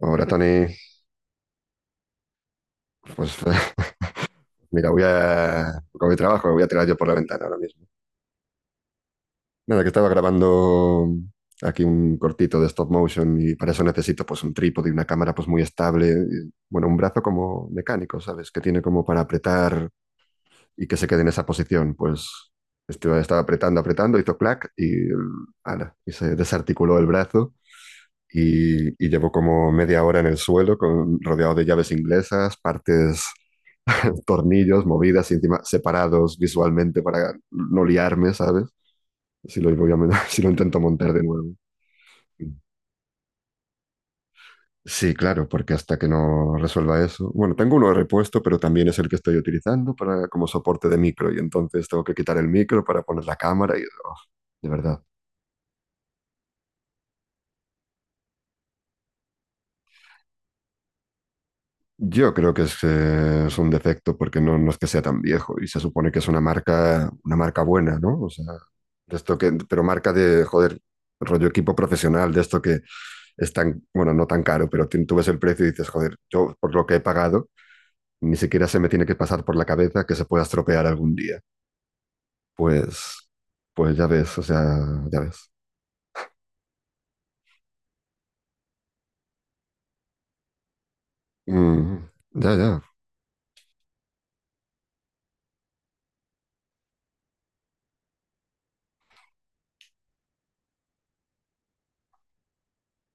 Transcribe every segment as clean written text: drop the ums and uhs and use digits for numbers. Ahora, Tony, pues mira, con mi trabajo, voy a tirar yo por la ventana ahora mismo. Nada, que estaba grabando aquí un cortito de stop motion y para eso necesito pues un trípode y una cámara pues muy estable. Y, bueno, un brazo como mecánico, ¿sabes? Que tiene como para apretar y que se quede en esa posición. Pues estaba apretando, apretando, hizo clac y, ala, y se desarticuló el brazo. Y llevo como media hora en el suelo, con, rodeado de llaves inglesas, partes tornillos, movidas y encima separados visualmente para no liarme, ¿sabes? Si lo, voy a, men- si lo intento montar de nuevo. Sí, claro, porque hasta que no resuelva eso. Bueno, tengo uno de repuesto, pero también es el que estoy utilizando para, como soporte de micro, y entonces tengo que quitar el micro para poner la cámara oh, de verdad. Yo creo que es un defecto porque no es que sea tan viejo y se supone que es una marca buena, ¿no? O sea, de esto que, pero marca de, joder, rollo equipo profesional, de esto que es tan, bueno, no tan caro, pero tú ves el precio y dices, joder, yo por lo que he pagado, ni siquiera se me tiene que pasar por la cabeza que se pueda estropear algún día. Pues, pues ya ves, o sea, ya ves. Mm, ya, ya,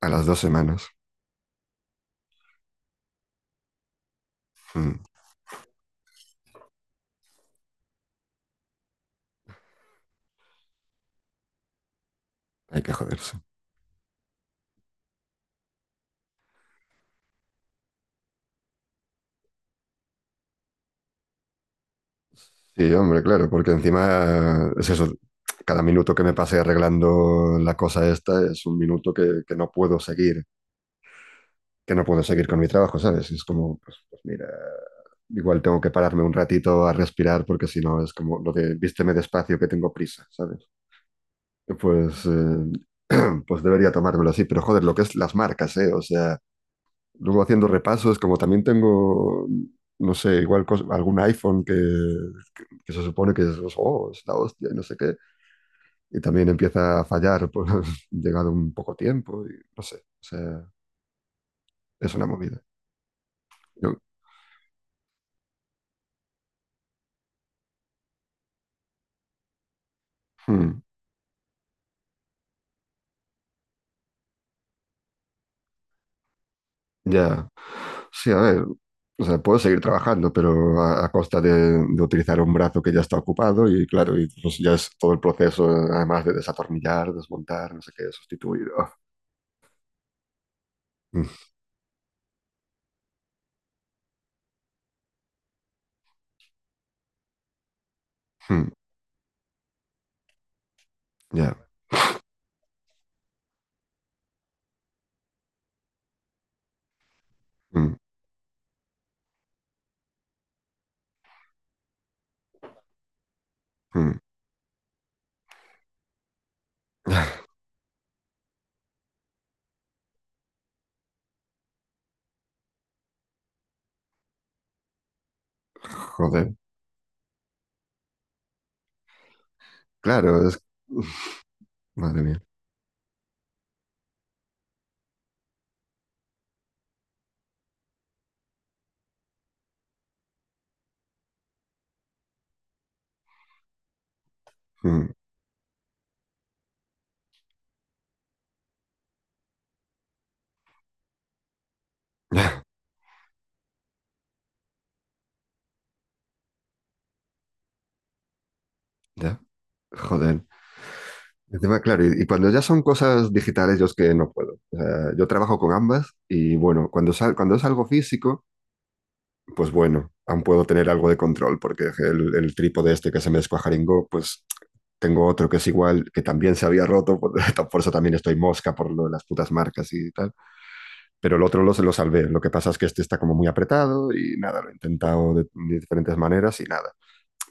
a las 2 semanas. Mm, hay que joderse. Sí, hombre, claro, porque encima es eso, cada minuto que me pase arreglando la cosa esta es un minuto que no puedo seguir, que no puedo seguir con mi trabajo, ¿sabes? Es como, pues mira, igual tengo que pararme un ratito a respirar porque si no es como lo de vísteme despacio que tengo prisa, ¿sabes? Pues, eh, pues debería tomármelo así, pero joder, lo que es las marcas, ¿eh? O sea... luego haciendo repasos, como también tengo, no sé, igual algún iPhone que se supone que es, oh, es la hostia y no sé qué, y también empieza a fallar por llegado un poco tiempo y no sé, o sea, es una movida. Yo, hmm, ya, sí, a ver, o sea, puedo seguir trabajando, pero a costa de, utilizar un brazo que ya está ocupado y claro, y pues ya es todo el proceso, además de desatornillar, desmontar, no sé qué, sustituir. Ah, mm, mm, ya. Mm, mm, joder. Claro, uf, madre mía. Mm. Ya, ya, joder. Encima, claro, y cuando ya son cosas digitales, yo es que no puedo. O sea, yo trabajo con ambas y bueno, cuando es algo físico, pues bueno, aún puedo tener algo de control, porque el trípode este que se me descuajaringó, pues tengo otro que es igual, que también se había roto, por, por eso también estoy mosca por lo de las putas marcas y tal. Pero el otro lo, se lo salvé. Lo que pasa es que este está como muy apretado y nada, lo he intentado de diferentes maneras y nada.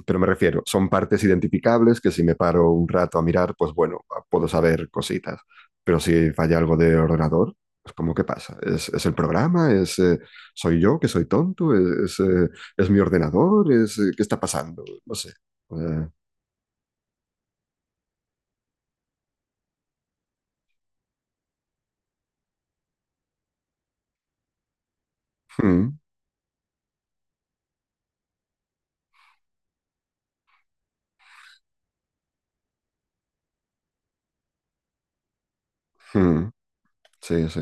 Pero me refiero, son partes identificables que si me paro un rato a mirar, pues bueno, puedo saber cositas. Pero si falla algo de ordenador, pues como ¿qué pasa? ¿Es el programa? ¿Soy yo que soy tonto? ¿Es mi ordenador? ¿Qué está pasando? No sé. Eh, hmm, hmm, sí, sí.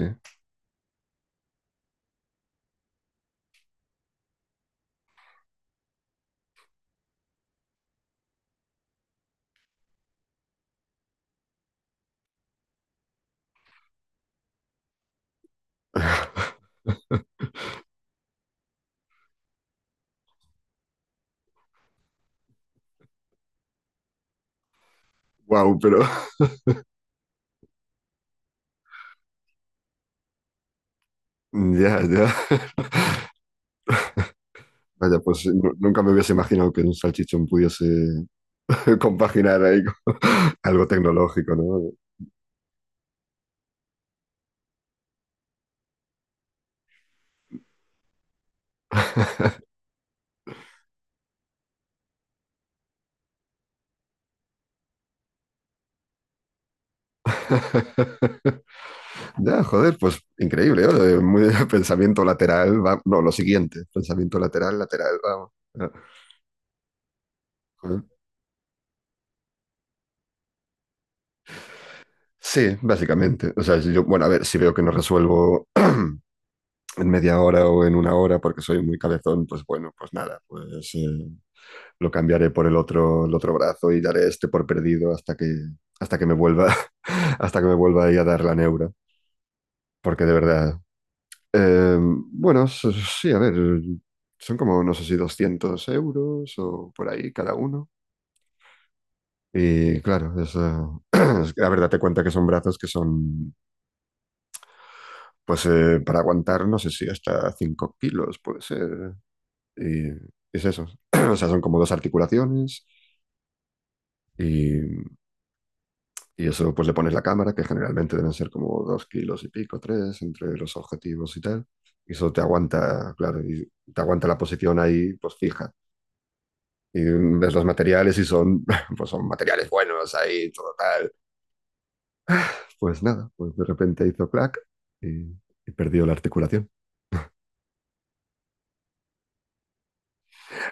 Wow, pero ya, ya. Vaya, pues nunca me hubiese imaginado que un salchichón pudiese compaginar ahí con algo tecnológico, ¿no? Ya, joder, pues increíble, ¿eh? Muy pensamiento lateral, no, lo siguiente, pensamiento lateral, lateral, vamos. Ah, joder. Sí, básicamente. O sea, si yo, bueno, a ver, si veo que no resuelvo en media hora o en una hora porque soy muy cabezón, pues bueno, pues nada, lo cambiaré por el otro brazo y daré este por perdido hasta que me vuelva, hasta que me vuelva ahí a dar la neura, porque de verdad. Bueno, sí, a ver, son como, no sé si 200 euros o por ahí cada uno. Y claro, es que la verdad te cuenta que son brazos que son, para aguantar, no sé si hasta 5 kilos puede ser. Y es eso. O sea, son como dos articulaciones y, y eso pues le pones la cámara, que generalmente deben ser como 2 kilos y pico, 3 entre los objetivos y tal. Y eso te aguanta, claro, y te aguanta la posición ahí, pues fija y ves los materiales y son, pues son materiales buenos ahí, todo tal. Pues nada, pues de repente hizo clac y, y perdió la articulación.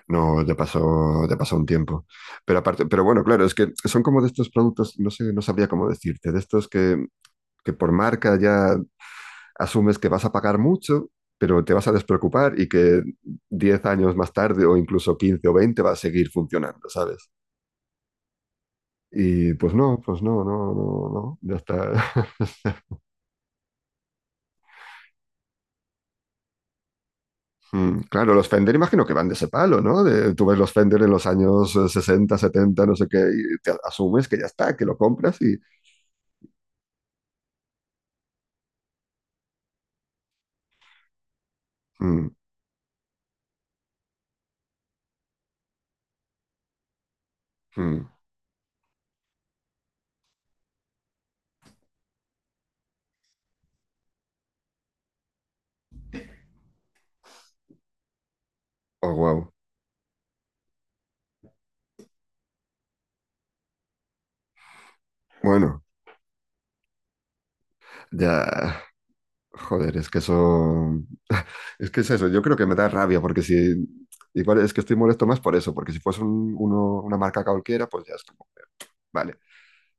No, le pasó un tiempo. Pero aparte, pero bueno, claro, es que son como de estos productos, no sé, no sabría cómo decirte, de estos que por marca ya asumes que vas a pagar mucho pero te vas a despreocupar y que 10 años más tarde o incluso 15 o 20 va a seguir funcionando, ¿sabes? Y pues no, no, no, no, ya está. Mm, claro, los Fender imagino que van de ese palo, ¿no? Tú ves los Fender en los años 60, 70, no sé qué, y te asumes que ya está, que lo compras y... Mm, mm. Oh, wow. Bueno, ya, joder, es que eso... Es que es eso, yo creo que me da rabia porque si... Igual es que estoy molesto más por eso, porque si fuese una marca cualquiera, pues ya es como, vale,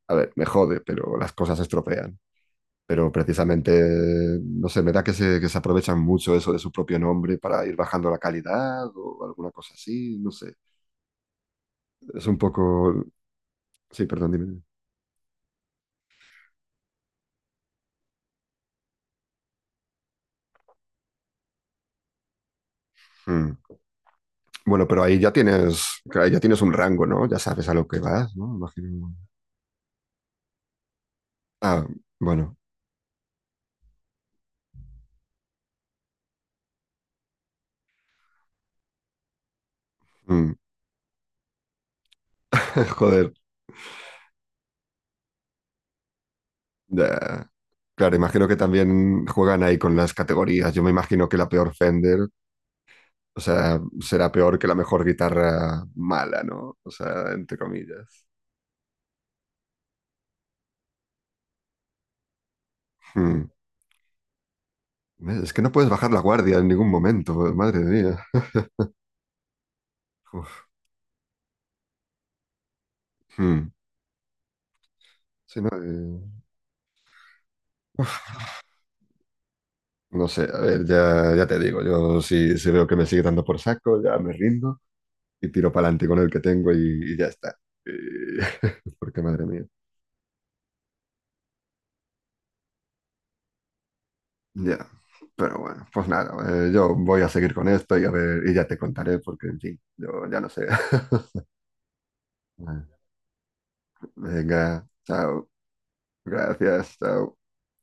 a ver, me jode, pero las cosas se estropean. Pero precisamente, no sé, me da que se aprovechan mucho eso de su propio nombre para ir bajando la calidad o alguna cosa así, no sé. Es un poco... Sí, perdón, dime. Mm. Bueno, pero ahí ya tienes un rango, ¿no? Ya sabes a lo que vas, ¿no? Imagino. Ah, bueno. Mm. Joder. Ya. Claro, imagino que también juegan ahí con las categorías. Yo me imagino que la peor Fender, o sea, será peor que la mejor guitarra mala, ¿no? O sea, entre comillas. Mm. Es que no puedes bajar la guardia en ningún momento, madre mía. Uf, hmm. Sí, no, uf, no sé, a ver, ya, ya te digo, yo si, veo que me sigue dando por saco, ya me rindo y tiro para adelante con el que tengo y ya está. Y- porque madre mía. Ya, pero bueno, pues nada, yo voy a seguir con esto y a ver, y ya te contaré porque, en fin, yo ya no sé. Venga, chao, gracias, chao.